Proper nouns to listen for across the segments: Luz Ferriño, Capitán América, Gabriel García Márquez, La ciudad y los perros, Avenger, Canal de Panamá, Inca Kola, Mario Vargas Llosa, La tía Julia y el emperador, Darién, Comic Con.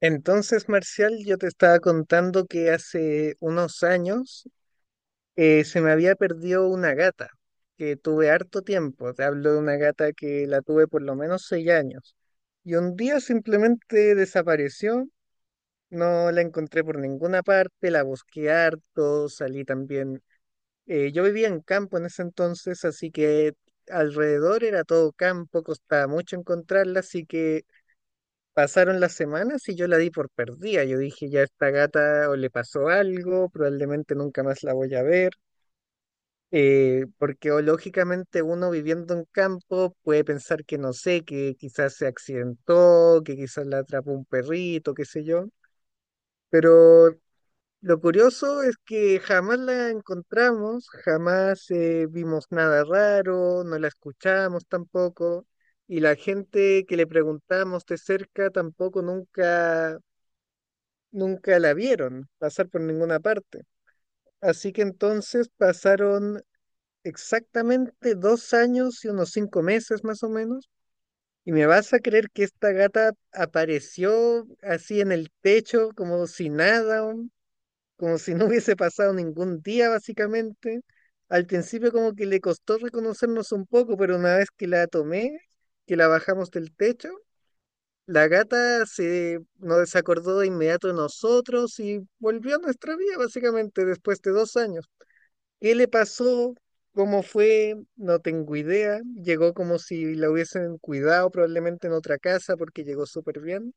Entonces, Marcial, yo te estaba contando que hace unos años se me había perdido una gata, que tuve harto tiempo. Te hablo de una gata que la tuve por lo menos 6 años. Y un día simplemente desapareció, no la encontré por ninguna parte, la busqué harto, salí también. Yo vivía en campo en ese entonces, así que alrededor era todo campo, costaba mucho encontrarla, así que pasaron las semanas y yo la di por perdida. Yo dije, ya esta gata o le pasó algo, probablemente nunca más la voy a ver. Porque o lógicamente uno viviendo en campo puede pensar que no sé, que quizás se accidentó, que quizás la atrapó un perrito, qué sé yo. Pero lo curioso es que jamás la encontramos, jamás vimos nada raro, no la escuchamos tampoco. Y la gente que le preguntamos de cerca tampoco nunca la vieron pasar por ninguna parte. Así que entonces pasaron exactamente 2 años y unos 5 meses más o menos. Y me vas a creer que esta gata apareció así en el techo, como si nada, como si no hubiese pasado ningún día básicamente. Al principio como que le costó reconocernos un poco, pero una vez que la tomé, que la bajamos del techo, la gata se acordó de inmediato de nosotros y volvió a nuestra vida, básicamente, después de 2 años. ¿Qué le pasó? ¿Cómo fue? No tengo idea. Llegó como si la hubiesen cuidado probablemente en otra casa porque llegó súper bien.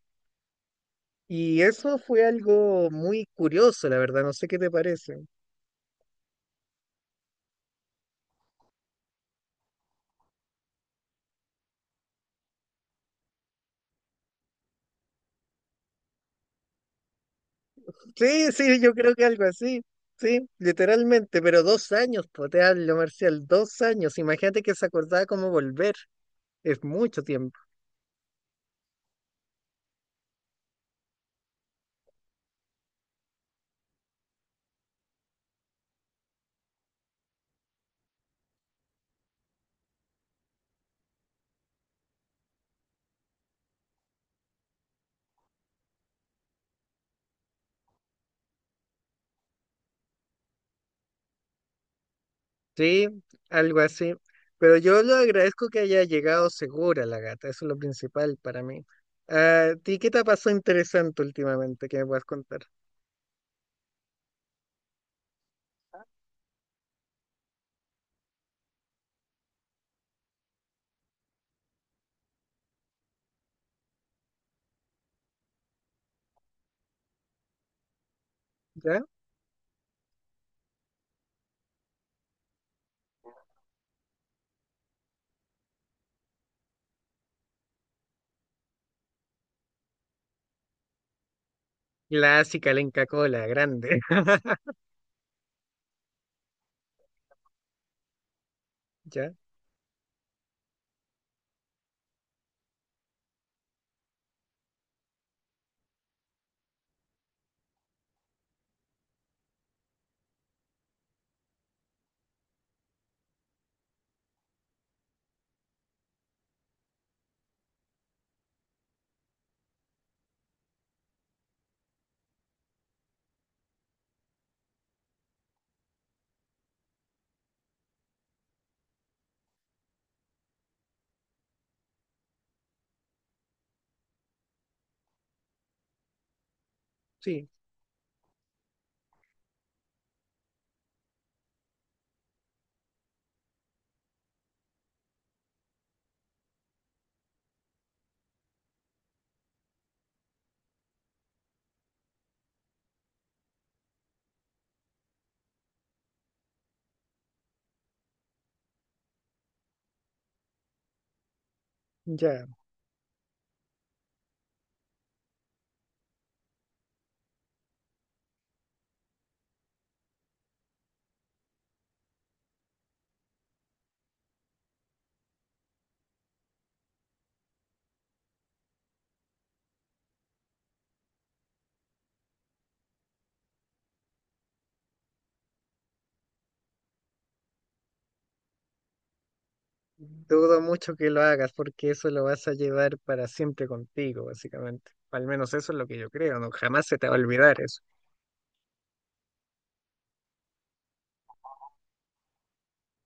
Y eso fue algo muy curioso, la verdad. No sé qué te parece. Sí, sí, yo creo que algo así. Sí, literalmente, pero 2 años, pues te hablo, Marcial, 2 años. Imagínate que se acordaba cómo volver. Es mucho tiempo. Sí, algo así. Pero yo lo agradezco que haya llegado segura la gata, eso es lo principal para mí. Ah, ¿a ti qué te ha pasado interesante últimamente que me puedas contar? ¿Ya? Clásica, la Inca Kola, grande. ¿Ya? Sí, ya. Dudo mucho que lo hagas porque eso lo vas a llevar para siempre contigo, básicamente. Al menos eso es lo que yo creo, no jamás se te va a olvidar eso.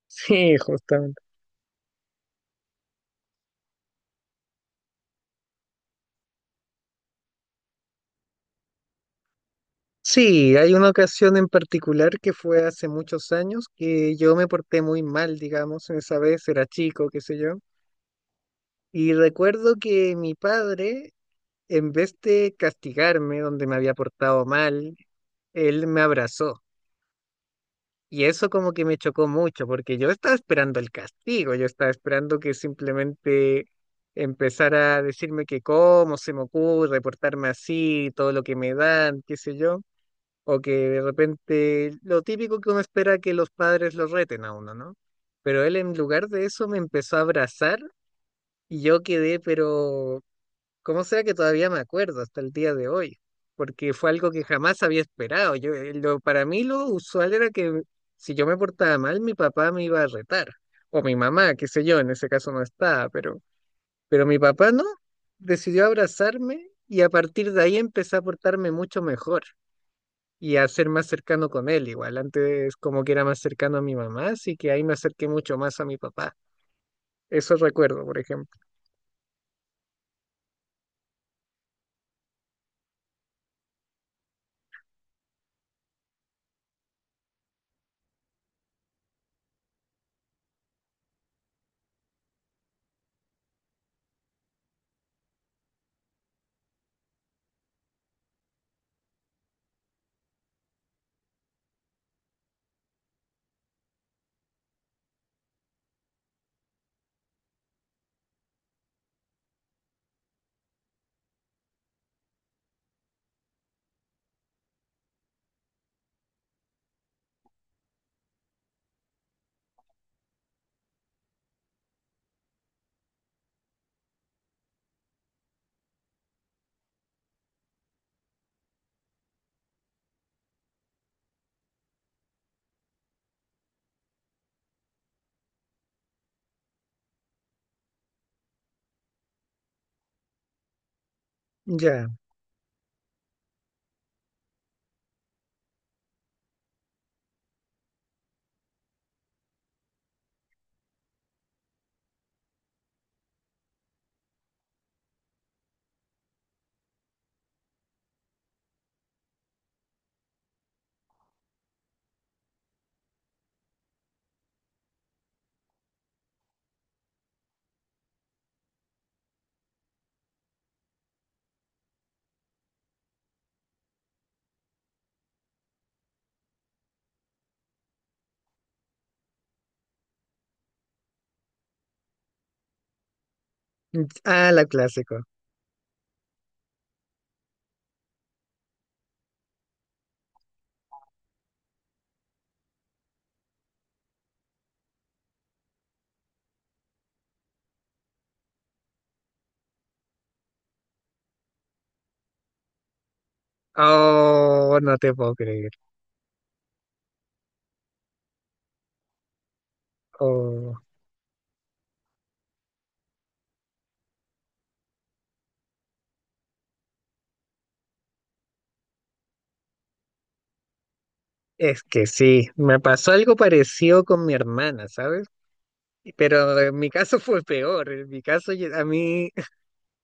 Sí, justamente. Sí, hay una ocasión en particular que fue hace muchos años que yo me porté muy mal, digamos, esa vez era chico, qué sé yo, y recuerdo que mi padre, en vez de castigarme donde me había portado mal, él me abrazó. Y eso como que me chocó mucho, porque yo estaba esperando el castigo, yo estaba esperando que simplemente empezara a decirme que cómo se me ocurre portarme así, todo lo que me dan, qué sé yo. O que de repente, lo típico que uno espera que los padres los reten a uno, ¿no? Pero él en lugar de eso me empezó a abrazar y yo quedé, pero como sea que todavía me acuerdo hasta el día de hoy, porque fue algo que jamás había esperado. Yo, lo, para mí lo usual era que si yo me portaba mal, mi papá me iba a retar, o mi mamá, qué sé yo, en ese caso no estaba, pero mi papá no, decidió abrazarme y a partir de ahí empecé a portarme mucho mejor y a ser más cercano con él. Igual antes como que era más cercano a mi mamá, así que ahí me acerqué mucho más a mi papá. Eso recuerdo, por ejemplo. Ya. Ah, la clásico. Oh, no te puedo creer. Oh, es que sí, me pasó algo parecido con mi hermana, ¿sabes? Pero en mi caso fue peor. En mi caso a mí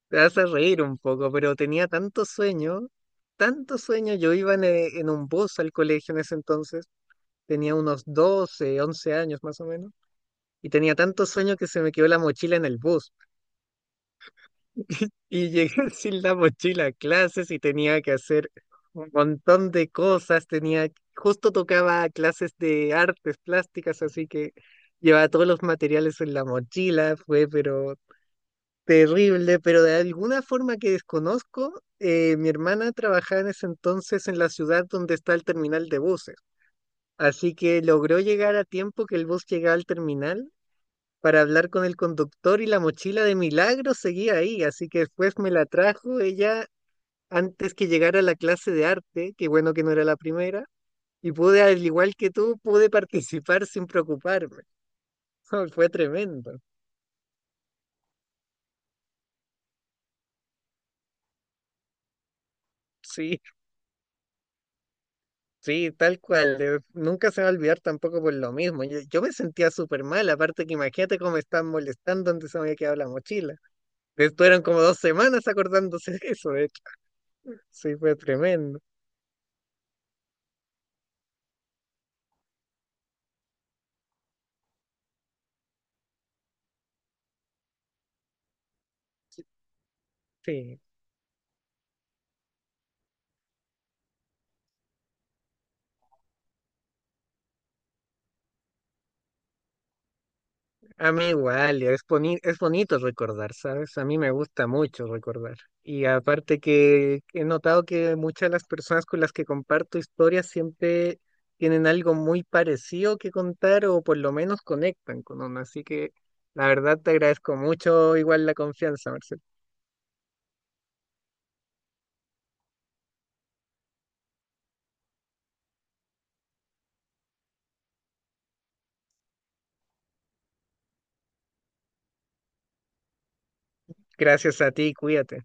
te vas reír un poco, pero tenía tanto sueño, tanto sueño. Yo iba en un bus al colegio en ese entonces, tenía unos 12 11 años más o menos. Y tenía tanto sueño que se me quedó la mochila en el bus. Y llegué sin la mochila a clases y tenía que hacer un montón de cosas. Tenía, justo tocaba clases de artes plásticas, así que llevaba todos los materiales en la mochila. Fue, pero terrible. Pero de alguna forma que desconozco, mi hermana trabajaba en ese entonces en la ciudad donde está el terminal de buses. Así que logró llegar a tiempo que el bus llegaba al terminal para hablar con el conductor y la mochila de milagro seguía ahí, así que después me la trajo ella antes que llegara a la clase de arte, que bueno que no era la primera, y pude, al igual que tú, pude participar sin preocuparme. Fue tremendo. Sí, sí, tal cual. Nunca se va a olvidar tampoco por lo mismo. Yo me sentía súper mal, aparte que imagínate cómo me estaban molestando donde se me había quedado la mochila. Estuvieron como 2 semanas acordándose de eso, de hecho. Sí, fue tremendo. Sí. A mí igual, es bonito recordar, ¿sabes? A mí me gusta mucho recordar. Y aparte que he notado que muchas de las personas con las que comparto historias siempre tienen algo muy parecido que contar o por lo menos conectan con uno. Así que la verdad te agradezco mucho igual la confianza, Marcel. Gracias a ti, cuídate.